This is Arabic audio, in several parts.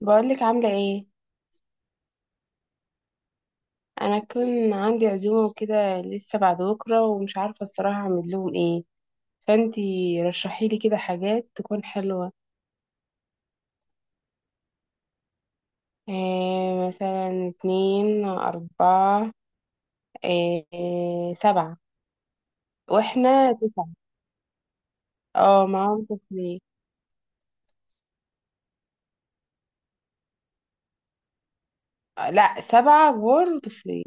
بقولك عاملة ايه؟ انا كان عندي عزومة وكده لسه بعد بكرة، ومش عارفة الصراحة اعمل لهم ايه. فانتي رشحيلي كده حاجات تكون حلوة. إيه مثلا؟ اتنين، اربعة، إيه، سبعة. واحنا تسعة. اه، معاهم طفلين. لا، سبعة كبار وطفلين.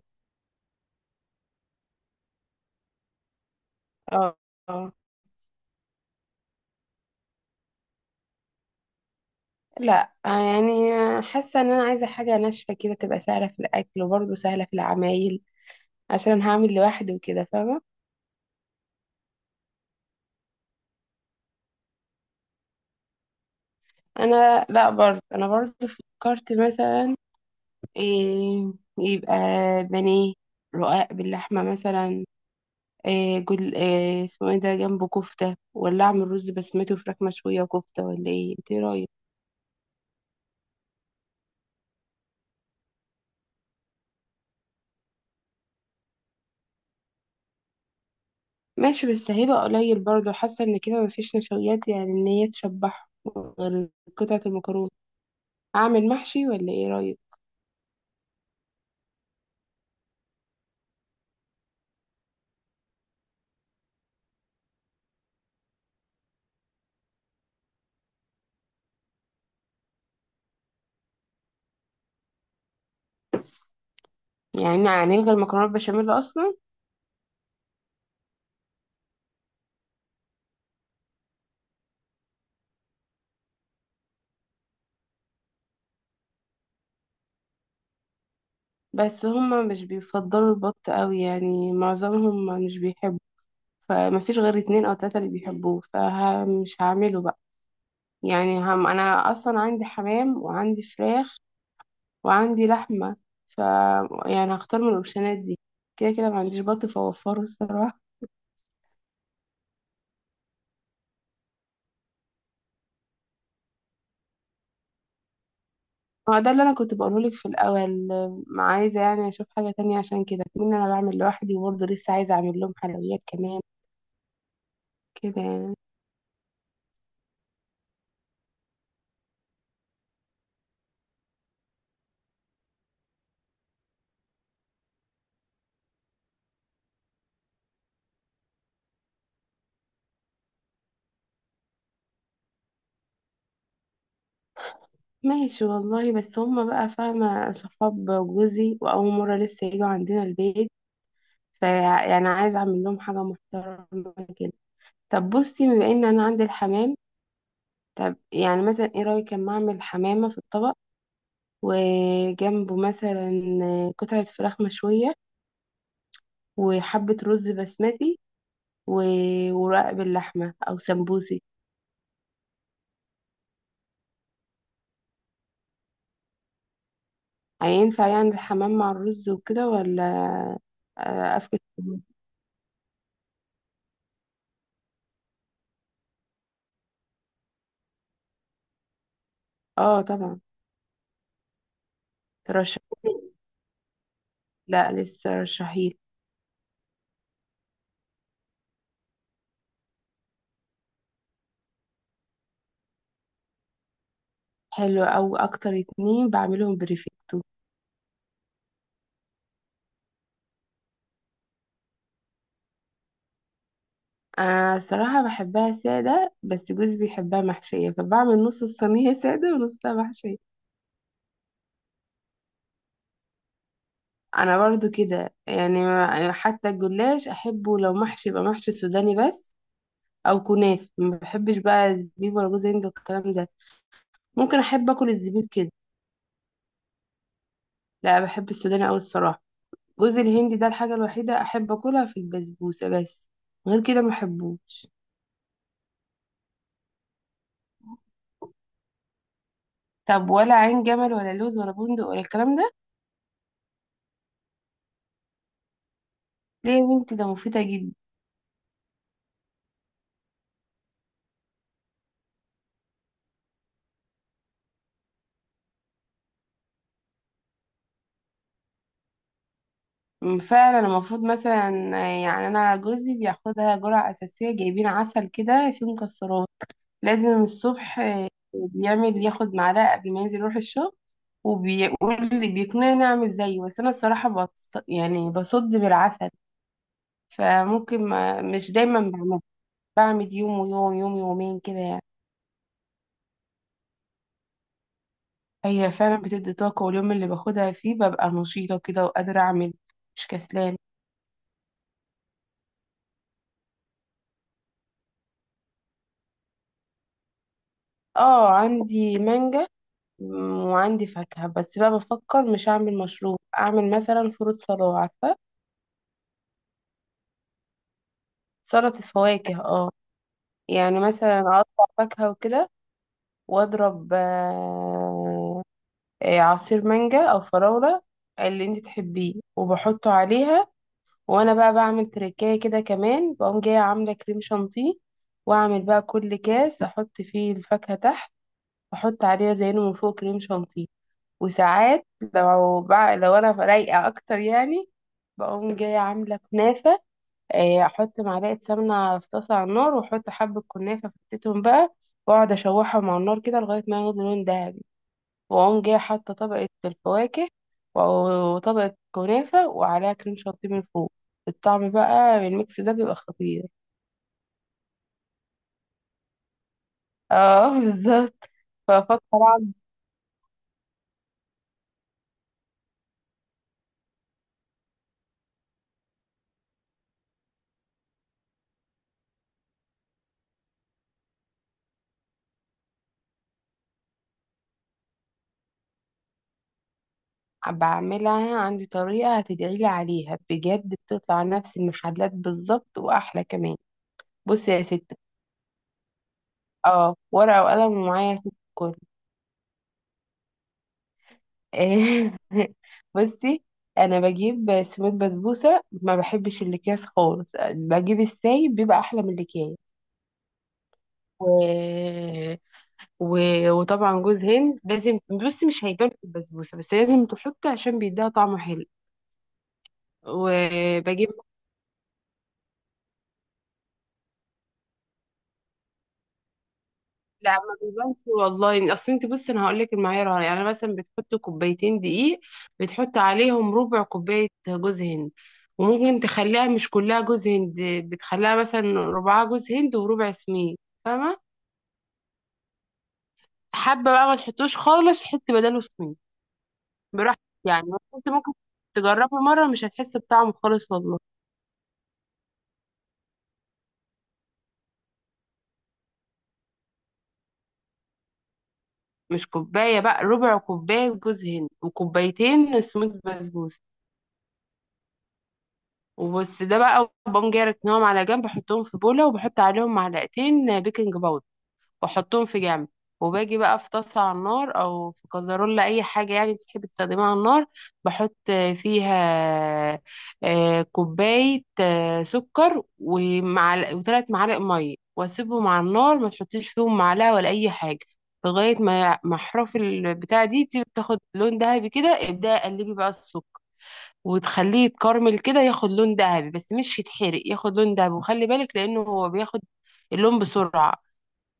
اه. آه. لا، يعني حاسة ان انا عايزة حاجة ناشفة كده تبقى سهلة في الاكل، وبرضه سهلة في العمايل، عشان هعمل لوحدي وكده، فاهمة؟ انا لا برضه، انا برضه فكرت مثلا، إيه، يبقى بانيه، رقاق باللحمه مثلا، إيه جل إيه اسمه ايه ده جنبه كفته، ولا اعمل رز بسمتي وفراخ مشويه وكفته، ولا ايه انت؟ إيه رايك؟ ماشي، بس هيبقى قليل برضه، حاسه ان كده مفيش نشويات يعني ان هي تشبعهم، غير قطعه المكرونه. اعمل محشي ولا ايه رايك؟ يعني هنلغي المكرونه البشاميل اصلا؟ بس هما مش بيفضلوا البط قوي، يعني معظمهم مش بيحبوا. فمفيش غير اتنين او تلاتة اللي بيحبوه، فمش هعمله بقى. يعني هم انا اصلا عندي حمام وعندي فراخ وعندي لحمة، ف يعني هختار من الاوبشنات دي. كده كده ما عنديش بط فوفره الصراحة. هو ده اللي انا كنت بقوله لك في الاول. ما عايزة يعني اشوف حاجة تانية، عشان كده من انا بعمل لوحدي، وبرضه لسه عايزة اعمل لهم حلويات كمان كده يعني. ماشي والله، بس هما بقى فاهمة صحاب جوزي، وأول مرة لسه يجوا عندنا البيت، فيعني عايزة أعمل لهم حاجة محترمة كده. طب بصي، بما إن أنا عندي الحمام، طب يعني مثلا إيه رأيك أما أعمل حمامة في الطبق، وجنبه مثلا قطعة فراخ مشوية، وحبة رز بسمتي، ورق باللحمة أو سمبوسي. هينفع يعني الحمام مع الرز وكده، ولا؟ أفكس. اه طبعا. ترشحي؟ لا لسه رشحيلي. حلو، أو أكتر اتنين بعملهم بريفيتو. أنا الصراحة بحبها سادة، بس جوزي بيحبها محشية، فبعمل نص الصينية سادة ونصها محشية. أنا برضو كده، يعني حتى الجلاش أحبه لو محشي يبقى محشي سوداني بس، أو كنافة ما بحبش بقى زبيب ولا جوز هند والكلام ده. ممكن أحب أكل الزبيب كده. لا، بحب السوداني أوي الصراحة. جوز الهندي ده الحاجة الوحيدة أحب أكلها في البسبوسة بس، غير كده ما أحبوش. طب ولا عين جمل ولا لوز ولا بندق ولا الكلام ده؟ ليه يا بنتي، ده مفيدة جدا. فعلا المفروض، مثلا يعني انا جوزي بياخدها جرعة اساسية، جايبين عسل كده فيه مكسرات، لازم الصبح. بيعمل ياخد معلقة قبل ما ينزل يروح الشغل، وبيقول لي بيقنعني اعمل زيه، بس انا الصراحة بص يعني بصد بالعسل، فممكن، ما مش دايما بعمل، بعمل يوم، ويوم يوم يومين كده يعني. هي فعلا بتدي طاقة، واليوم اللي باخدها فيه ببقى نشيطة كده وقادرة اعمل، مش كسلانة. اه عندي مانجا وعندي فاكهة، بس بقى بفكر مش أعمل مشروب، أعمل مثلا فروت صلاة، عارفة؟ سلطة فواكه، اه. يعني مثلا أقطع فاكهة وكده، وأضرب عصير مانجا أو فراولة، اللي انت تحبيه، وبحطه عليها. وأنا بقى بعمل تركاية كده كمان، بقوم جاية عاملة كريم شانتيه، وأعمل بقى كل كاس أحط فيه الفاكهة تحت، أحط عليها زينه من فوق كريم شانتيه. وساعات لو بقى، لو انا رايقه اكتر يعني، بقوم جايه عامله كنافه، احط معلقه سمنه في طاسه على النار، واحط حبه كنافه فكتتهم بقى، واقعد اشوحهم على النار كده لغايه ما ياخدوا لون ذهبي، واقوم جايه حاطه طبقه الفواكه، و- وطبقه كنافه، وعليها كريم شانتيه من فوق. الطعم بقى بالميكس ده بيبقى خطير. اه بالظبط. ففكر. بعملها عندي طريقة هتدعيلي عليها بجد، بتطلع نفس المحلات بالظبط وأحلى كمان. بصي يا ستي، اه، ورقة وقلم ومعايا يا ستي الكل. بصي، أنا بجيب سميد بسبوسة، ما بحبش الأكياس خالص، بجيب السايب بيبقى أحلى من الأكياس. و... و... وطبعا جوز هند لازم. بصي مش هيبان في البسبوسة، بس لازم تحطي عشان بيديها طعم حلو. وبجيب، لا ما بيبانش والله، اصل انت بصي انا هقول لك المعيار، يعني مثلا بتحط كوبايتين دقيق، بتحط عليهم ربع كوبايه جوز هند، وممكن تخليها مش كلها جوز هند، بتخليها مثلا ربعها جوز هند وربع سمين، فاهمه؟ حابه بقى ما تحطوش خالص، حطي بداله سمين، براحتك. يعني بس انت ممكن تجربي مره، مش هتحسي بطعمه خالص والله. مش كوبايه بقى، ربع كوبايه جوز هند وكوبايتين سميد بسبوسه وبس. ده بقى بقوم جاي راكنهم على جنب، بحطهم في بولة وبحط عليهم معلقتين بيكنج باودر، واحطهم في جنب، وباجي بقى في طاسة على النار، او في كزرولة، اي حاجة يعني تحب تستخدمها على النار، بحط فيها كوباية سكر ومعلقة وثلاث معالق مية، واسيبهم على النار، ما تحطيش فيهم معلقة ولا اي حاجة، لغاية ما احراف البتاع دي تاخد لون ذهبي كده، ابدأي قلبي بقى السكر، وتخليه يتكرمل كده ياخد لون ذهبي، بس مش يتحرق، ياخد لون ذهبي، وخلي بالك لانه هو بياخد اللون بسرعة،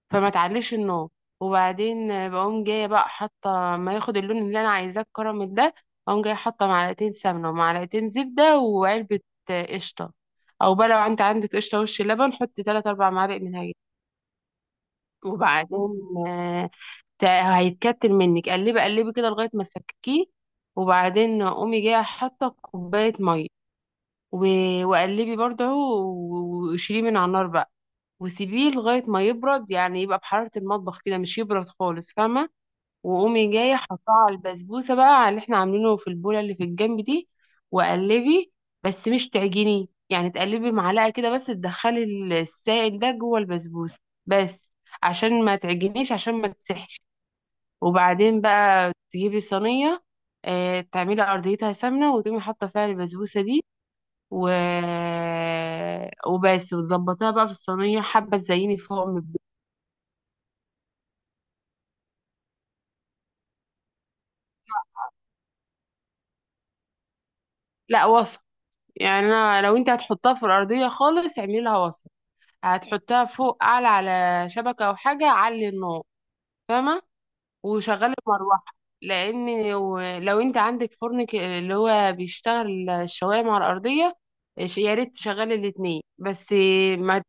فما تعليش النار. وبعدين بقوم جاية بقى حاطة، ما ياخد اللون اللي انا عايزاه الكراميل ده، اقوم جاية حاطة معلقتين سمنة ومعلقتين زبدة وعلبة قشطة. او بقى لو انت عندك قشطة وش لبن، حطي تلات اربع معالق منها جاي. وبعدين آه، هيتكتل منك، قلبي قلبي كده لغاية ما تفككيه. وبعدين قومي جاية حاطة كوباية مية، و... وقلبي برضه، وشيليه من على النار بقى، وسيبيه لغاية ما يبرد، يعني يبقى بحرارة المطبخ كده، مش يبرد خالص، فاهمة؟ وقومي جاية حطاه على البسبوسة بقى، على اللي احنا عاملينه في البولة اللي في الجنب دي، وقلبي، بس مش تعجني، يعني تقلبي معلقة كده بس، تدخلي السائل ده جوه البسبوسة بس، عشان ما تعجنيش، عشان ما تسحش. وبعدين بقى تجيبي صينية، تعملي أرضيتها سمنة، وتقومي حاطة فيها البسبوسة دي، و... وبس، وتظبطها بقى في الصينية، حبة تزيني فوق من البيض. لا وسط، يعني أنا لو انت هتحطها في الأرضية خالص، اعملي لها وسط، هتحطها فوق أعلى على شبكة أو حاجة علي النار، فاهمة؟ وشغلي المروحة، لأن لو انت عندك فرن اللي هو بيشتغل الشواية مع الأرضية، يا ريت تشغلي الاتنين بس. ما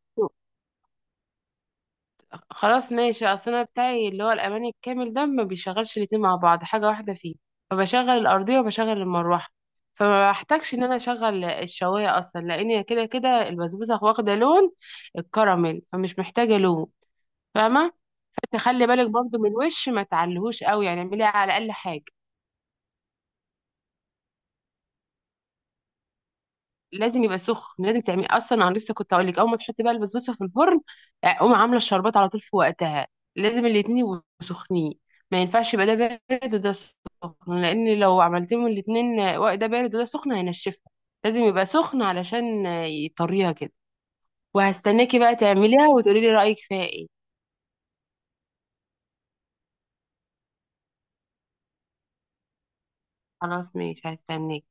خلاص ماشي، اصل انا بتاعي اللي هو الاماني الكامل ده ما بيشغلش الاتنين مع بعض، حاجه واحده فيه، فبشغل الارضيه وبشغل المروحه، فما بحتاجش ان انا اشغل الشوايه اصلا، لان كده كده البسبوسه واخده لون الكراميل، فمش محتاجه لون، فاهمه؟ فانت خلي بالك برضو من الوش، ما تعلهوش قوي، يعني اعمليها على اقل حاجه. لازم يبقى سخن، لازم تعملي اصلا، انا لسه كنت اقول لك، اول ما تحطي بقى البسبوسه في الفرن، قومي عامله الشربات على طول في وقتها، لازم الاتنين يبقوا سخنين، ما ينفعش يبقى ده بارد وده سخن، لان لو عملتيهم الاتنين وقت ده بارد وده سخن هينشفها، لازم يبقى سخن علشان يطريها كده. وهستناكي بقى تعمليها وتقولي لي رايك فيها ايه. خلاص ماشي، هستناكي.